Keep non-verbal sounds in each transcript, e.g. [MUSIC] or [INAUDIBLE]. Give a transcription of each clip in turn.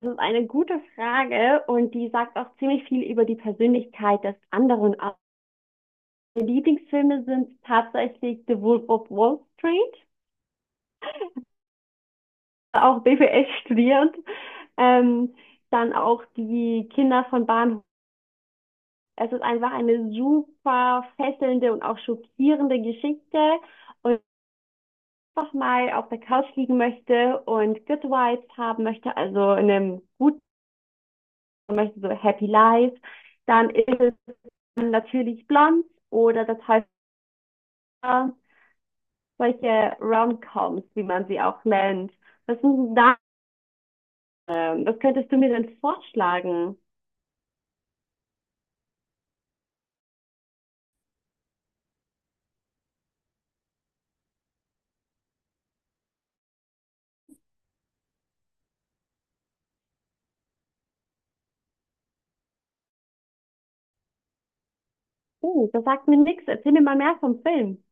Das ist eine gute Frage und die sagt auch ziemlich viel über die Persönlichkeit des anderen aus. Meine Lieblingsfilme sind tatsächlich The Wolf of Wall Street, auch BWL studiert, ähm, dann auch die Kinder von Bahnhof. Es ist einfach eine super fesselnde und auch schockierende Geschichte und einfach mal auf der Couch liegen möchte und Good Vibes haben möchte, also in einem guten möchte, so Happy Life, dann ist es natürlich blond oder das heißt solche Romcoms, wie man sie auch nennt. Was sind da? Was könntest du mir denn vorschlagen? Hm, das sagt mir nichts. Erzähl mir mal mehr vom Film.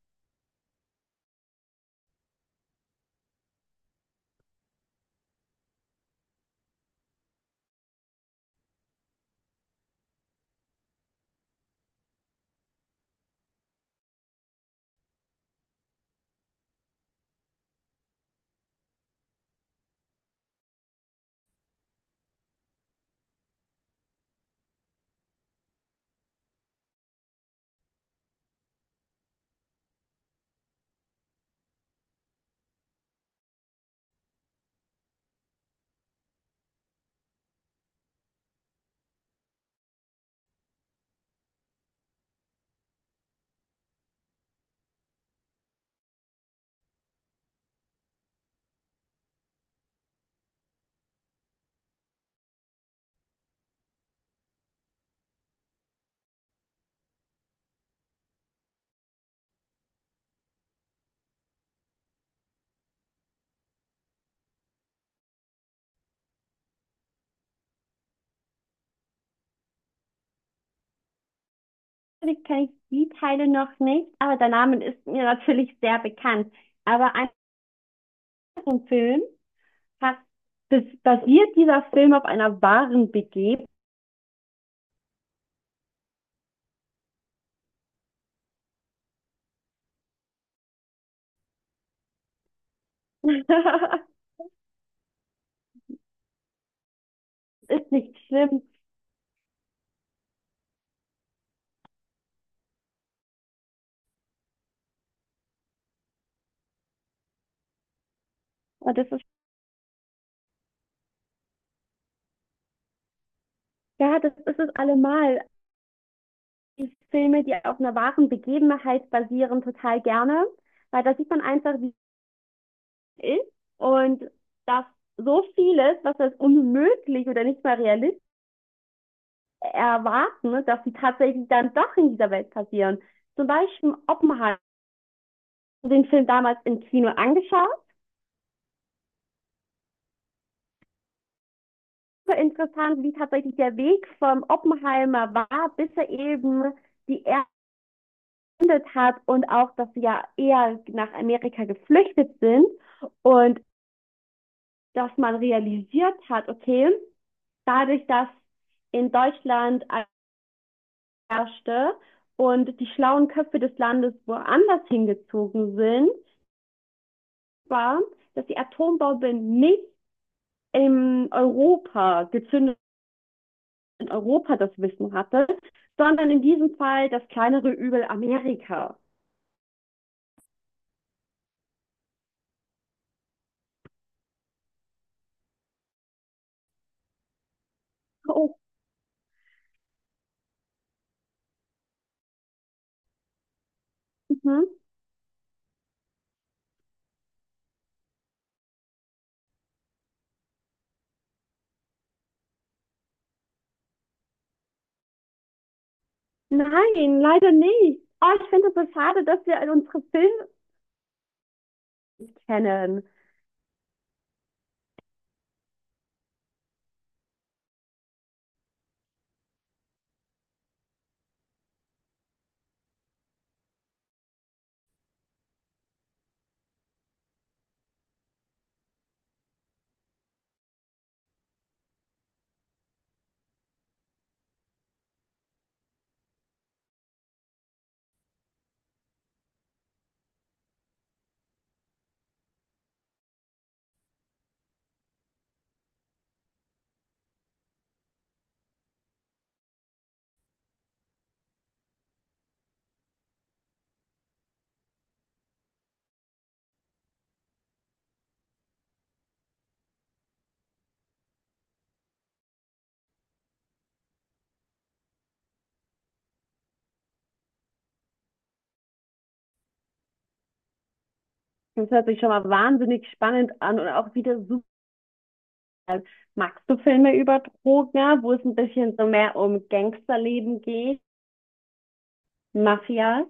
Natürlich kenne ich die Teile noch nicht, aber der Name ist mir natürlich sehr bekannt. Aber einfach vom Film hat, das basiert dieser Film auf einer wahren Begebenheit. [LAUGHS] ist nicht schlimm. Und das ist, ja, das ist es allemal. Die Filme, die auf einer wahren Begebenheit basieren, total gerne, weil da sieht man einfach, wie es ist und dass so vieles, was als unmöglich oder nicht mal realistisch erwarten, ne, dass sie tatsächlich dann doch in dieser Welt passieren. Zum Beispiel Oppenheimer, den Film damals im Kino angeschaut. Super interessant, wie tatsächlich der Weg vom Oppenheimer war, bis er eben die Erde hat und auch, dass sie ja eher nach Amerika geflüchtet sind und dass man realisiert hat, okay, dadurch, dass in Deutschland herrschte und die schlauen Köpfe des Landes woanders hingezogen sind, war, dass die Atombombe nicht in Europa gezündet, in Europa das Wissen hatte, sondern in diesem Fall das kleinere Übel Amerika. Oh, mhm. Nein, leider nicht. Oh, ich finde es so schade, dass wir unsere Filme kennen. Das hört sich schon mal wahnsinnig spannend an und auch wieder super. Magst du Filme über Drogen, ja, wo es ein bisschen so mehr um Gangsterleben geht, Mafia?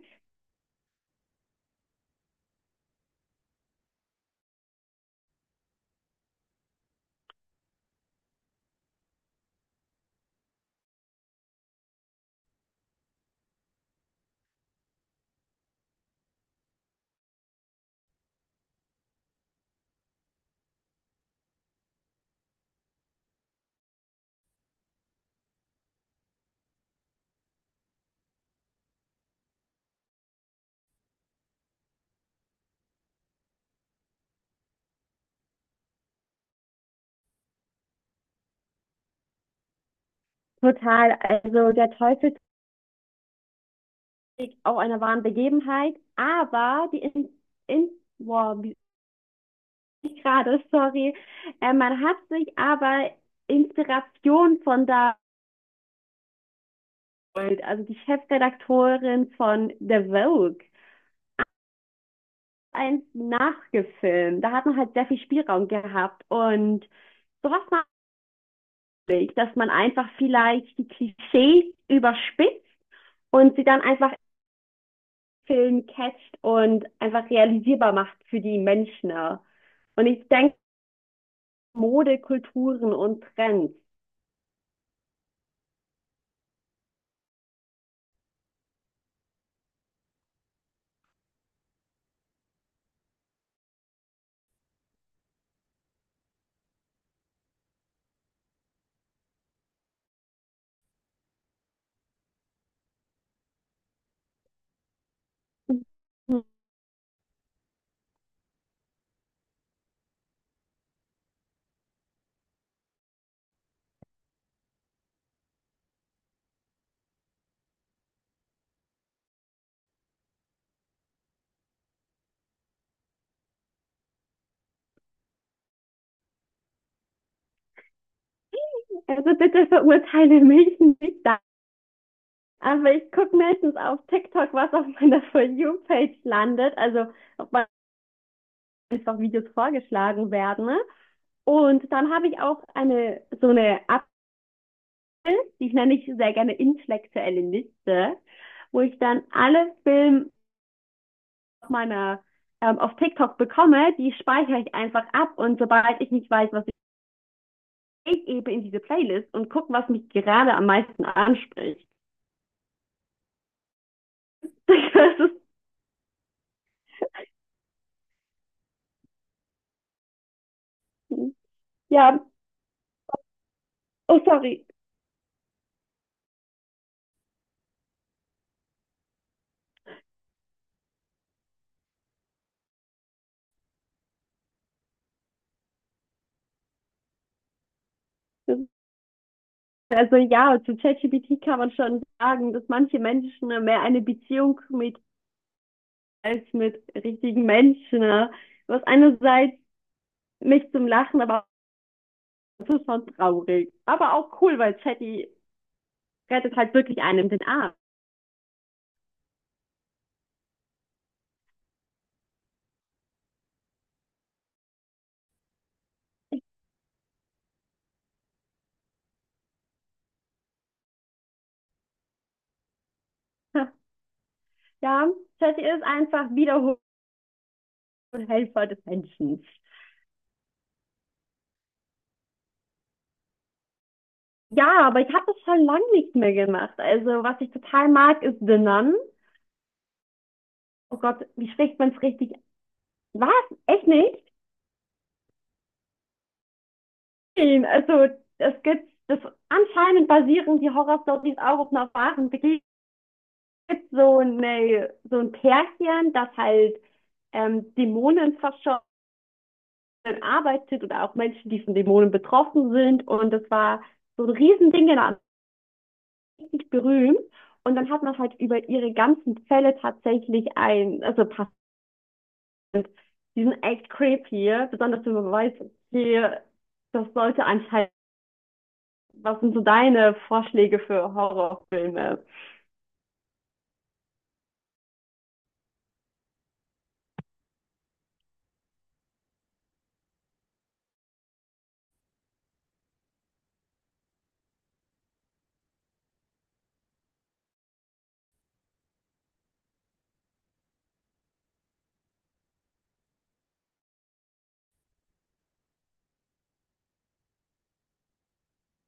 Total. Also der Teufel trägt auch einer wahren Begebenheit, aber die in wow, wie ich gerade, [LAUGHS] sorry, man hat sich aber Inspiration von da, geholt. Also die Chefredakteurin von The Vogue, eins nachgefilmt. Da hat man halt sehr viel Spielraum gehabt und sowas, dass man einfach vielleicht die Klischees überspitzt und sie dann einfach im Film catcht und einfach realisierbar macht für die Menschen. Ja. Und ich denke, Mode, Kulturen und Trends. Also bitte verurteile mich nicht da. Aber ich gucke meistens auf TikTok, was auf meiner For You-Page landet, also ob man einfach Videos vorgeschlagen werden, ne? Und dann habe ich auch eine so eine, die nenne ich sehr gerne intellektuelle Liste, wo ich dann alle Filme auf meiner, auf TikTok bekomme, die speichere ich einfach ab und sobald ich nicht weiß, was ich ich eben in diese Playlist und gucke, was mich gerade am meisten anspricht. [LAUGHS] Das ist, ja, oh sorry. Das ist, also ja, zu ChatGPT kann man schon sagen, dass manche Menschen mehr eine Beziehung mit als mit richtigen Menschen, ne? Was einerseits mich zum Lachen, aber das ist schon traurig. Aber auch cool, weil Chatty rettet halt wirklich einem den Arm. [LAUGHS] Ja, Chatty ist einfach wiederholt Helfer des Menschen. Ja, aber ich habe das schon lange nicht mehr gemacht. Also, was ich total mag, ist The Nun. Oh Gott, wie spricht man es richtig? Was? Echt nicht? Also, es gibt, das anscheinend basieren die Horror-Stories auch auf einer wahren Begegnung. Es gibt so, eine, so ein Pärchen, das halt Dämonen verschont arbeitet oder auch Menschen, die von Dämonen betroffen sind. Und das war so ein Riesending, genau, richtig berühmt. Und dann hat man halt über ihre ganzen Fälle tatsächlich ein, also pass, die sind echt creepy, ja, besonders wenn man weiß, okay, das sollte anscheinend, was sind so deine Vorschläge für Horrorfilme?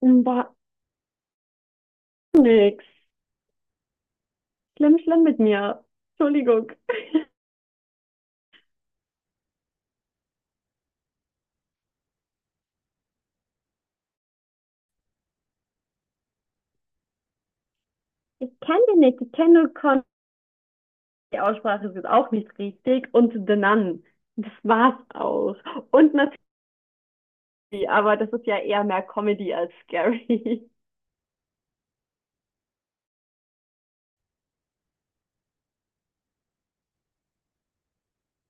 War nix. Schlimm, schlimm mit mir. Entschuldigung. Ich kenne den nicht, ich kenne nur Con, die Aussprache ist jetzt auch nicht richtig. Und The Nun. Das war's auch. Und aber das ist ja eher mehr Comedy als scary.